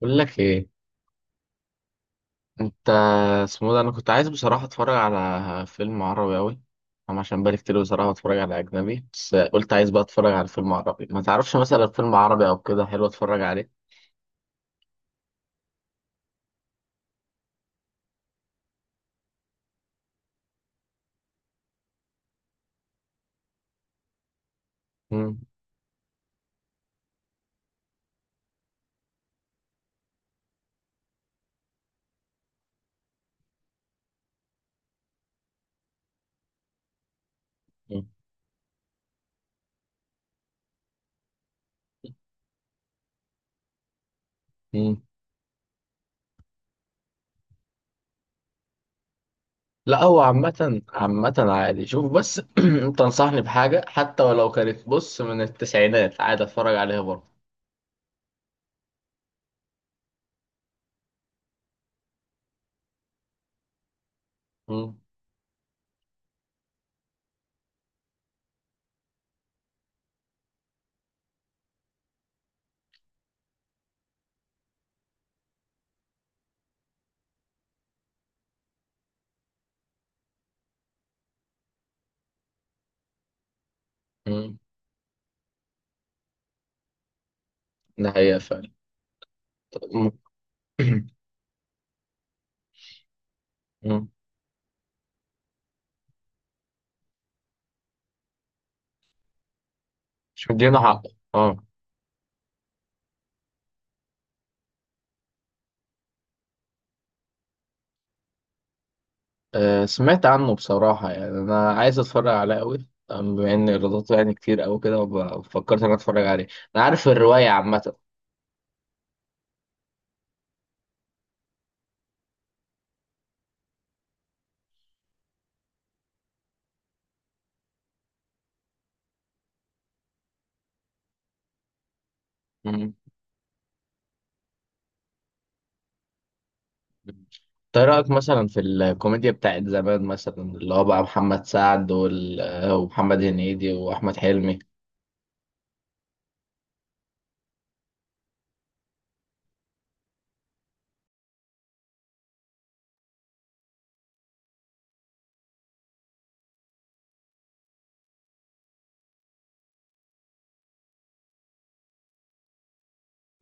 بقول لك ايه، انت، اسمه ده، انا كنت عايز بصراحه اتفرج على فيلم عربي قوي. انا عشان بقالي كتير بصراحه اتفرج على اجنبي، بس قلت عايز بقى اتفرج على فيلم عربي. ما تعرفش مثلا فيلم عربي او كده حلو اتفرج عليه؟ مم. مم. مم. لا، هو عامه عامه عادي. شوف بس انت انصحني بحاجه حتى ولو كانت، بص، من التسعينات عادي اتفرج عليها برضه. مم. مم. ده حقيقه فعلا. مم. مم. مش مدينا حق. اه. سمعت عنه بصراحة، يعني أنا عايز أتفرج عليه أوي. بما إن إيراداته يعني كتير أوي كده فكرت إن أنا أتفرج عليه. أنا عارف الرواية عامة. مم. طيب. إيه رأيك مثلا في الكوميديا بتاعت زمان، مثلا اللي هو بقى محمد سعد وال... آه، ومحمد هنيدي وأحمد حلمي؟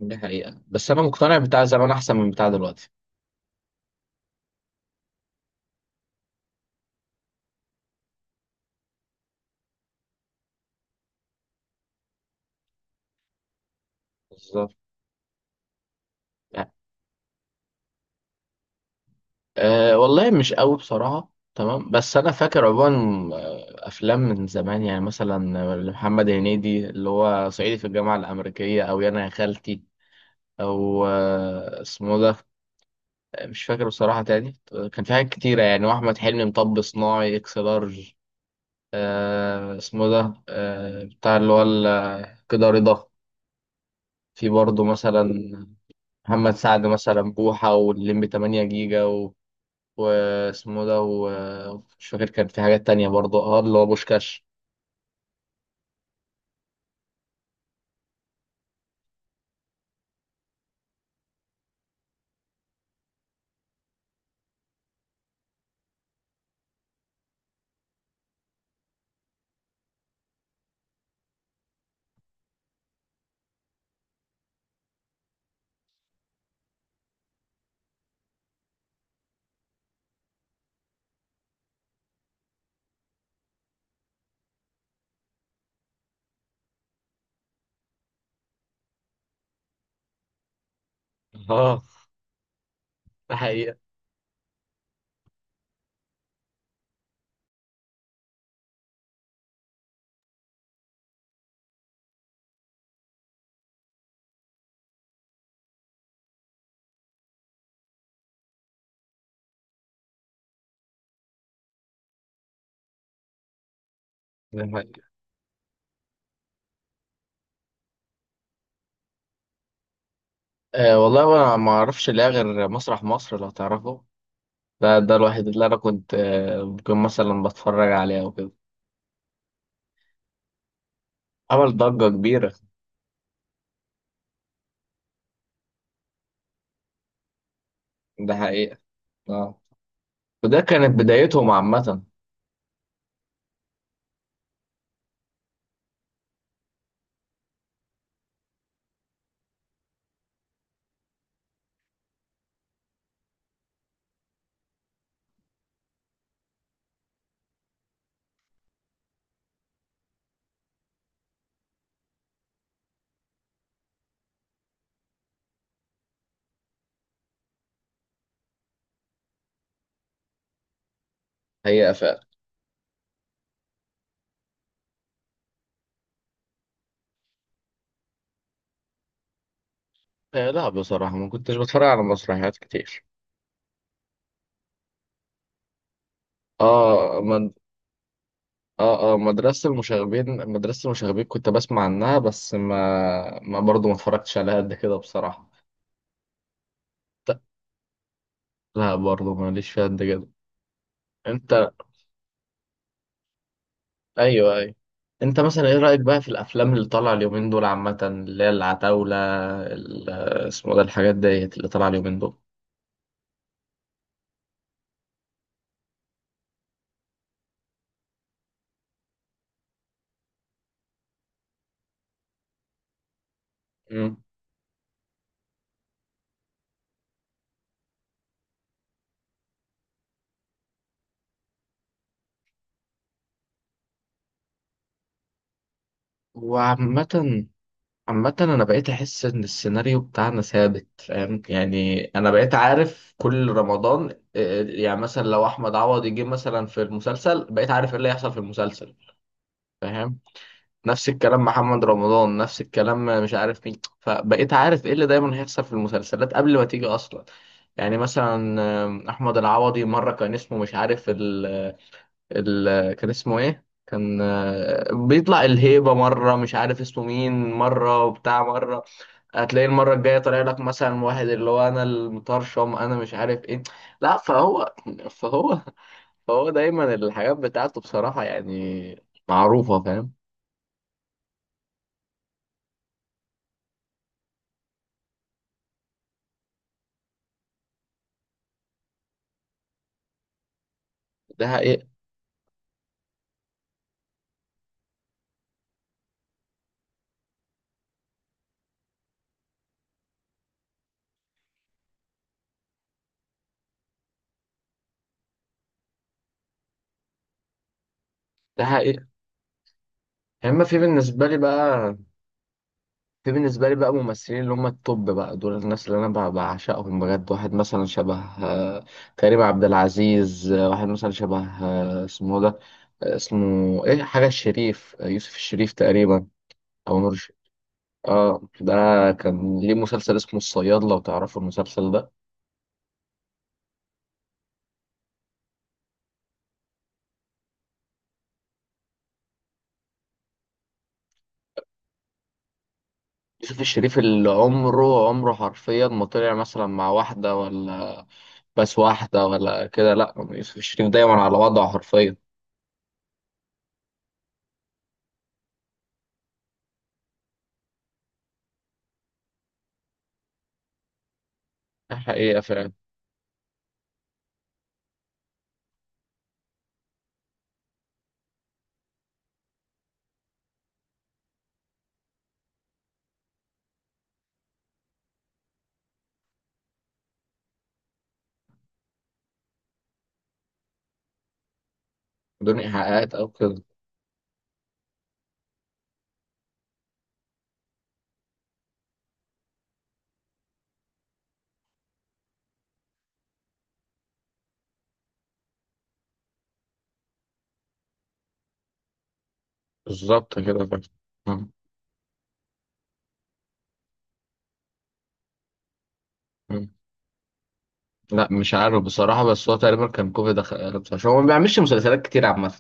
دي حقيقة، بس أنا مقتنع بتاع زمان أحسن من بتاع دلوقتي. بالظبط. أه والله مش قوي بصراحة، تمام، بس أنا فاكر عموما، أفلام من زمان، يعني مثلا محمد هنيدي اللي هو صعيدي في الجامعة الأمريكية، أو يا أنا يا خالتي، أو اسمه ده، مش فاكر بصراحة تاني. كان في حاجات كتيرة، يعني وأحمد حلمي مطب صناعي إكس لارج. أه اسمه ده، أه بتاع اللي هو كده رضا. في برضه مثلا محمد سعد مثلا بوحة واللمبي 8 جيجا واسمه ده، ومش فاكر. كان في حاجات تانية برضه، اه اللي هو بوشكاش. اه ده حقيقة. ده حقيقة. آه والله انا ما اعرفش، لا غير مسرح مصر لو تعرفه. ده الوحيد اللي انا كنت ممكن مثلا بتفرج عليه او كده. عمل ضجة كبيرة. ده حقيقة. اه. وده كانت بدايتهم عامة. حقيقة فعلا. آه لا بصراحة ما كنتش بتفرج على مسرحيات كتير. اه ما. اه اه، مدرسة المشاغبين مدرسة المشاغبين كنت بسمع عنها، بس ما ما برضه ما اتفرجتش عليها قد كده بصراحة. ت- لا برضه ماليش فيها قد كده. انت. ايوه ايوه. انت مثلا ايه رأيك بقى في الافلام اللي طالعة اليومين دول عامة، اللي هي العتاولة؟ ال- اسمه ده، الحاجات ديت اللي طالعة اليومين دول. مم. وعامة، عامة أنا بقيت أحس إن السيناريو بتاعنا ثابت، فاهم، يعني أنا بقيت عارف كل رمضان، يعني مثلا لو أحمد عوض يجي مثلا في المسلسل، بقيت عارف إيه اللي هيحصل في المسلسل. فاهم. نفس الكلام محمد رمضان، نفس الكلام، مش عارف مين، فبقيت عارف إيه اللي دايما هيحصل في المسلسلات قبل ما تيجي أصلا. يعني مثلا أحمد العوضي مرة كان اسمه مش عارف ال كان اسمه إيه، كان بيطلع الهيبة مرة، مش عارف اسمه مين مرة، وبتاع مرة. هتلاقي المرة الجاية طالع لك مثلا واحد اللي هو أنا المطرشم، أنا مش عارف إيه. لا، فهو فهو دايما الحاجات بتاعته بصراحة، يعني معروفة، فاهم. ده حقيقة. ده حقيقة. أما في بالنسبة لي بقى ممثلين اللي هم التوب بقى دول، الناس اللي أنا بعشقهم بجد. واحد مثلا شبه آه، كريم عبد العزيز، واحد مثلا شبه اسمه ده، اسمه إيه، حاجة الشريف، يوسف الشريف تقريبا، أو نور. اه ده كان ليه مسلسل اسمه الصياد، لو تعرفوا المسلسل ده. يوسف الشريف اللي عمره حرفيا ما طلع مثلا مع واحدة ولا، بس واحدة ولا كده، لا يوسف الشريف دايما على وضعه حرفيا. ده حقيقة فعلا. بدون إيحاءات أو كده. بالظبط كده فعلا. مم. مم. لا مش عارف بصراحة، بس هو تقريبا كان كوفيد دخل، عشان هو ما بيعملش مسلسلات كتير عامة.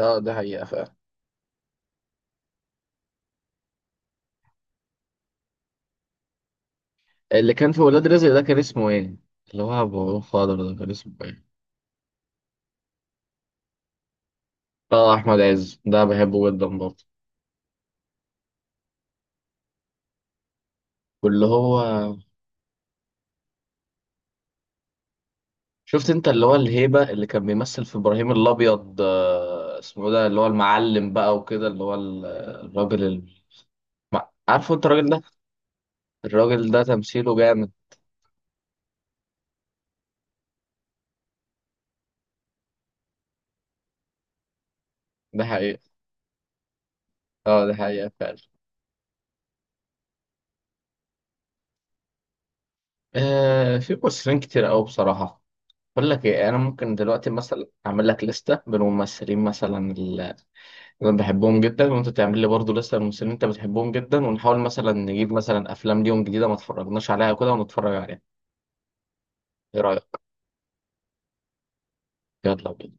اه ده حقيقة فعلا. اللي كان في ولاد رزق ده كان اسمه ايه؟ اللي هو أبو خضر ده كان اسمه ايه؟ اه احمد عز ده بحبه جدا برضه. واللي هو شفت انت اللي هو الهيبه اللي كان بيمثل في ابراهيم الابيض، اسمه ده، اللي هو المعلم بقى وكده، اللي هو الراجل عارفه انت الراجل ده؟ الراجل ده تمثيله جامد. ده حقيقه. اه ده حقيقه فعلا. آه في ممثلين كتير قوي بصراحه. بقول لك ايه، انا ممكن دلوقتي مثلا اعمل لك لسته بالممثلين مثلا انا بحبهم جدا، وانت تعمل لي برضه لسه الممثلين اللي انت بتحبهم جدا، ونحاول مثلا نجيب مثلا افلام ليهم جديده ما اتفرجناش عليها كده ونتفرج عليها. ايه رايك؟ يلا بينا.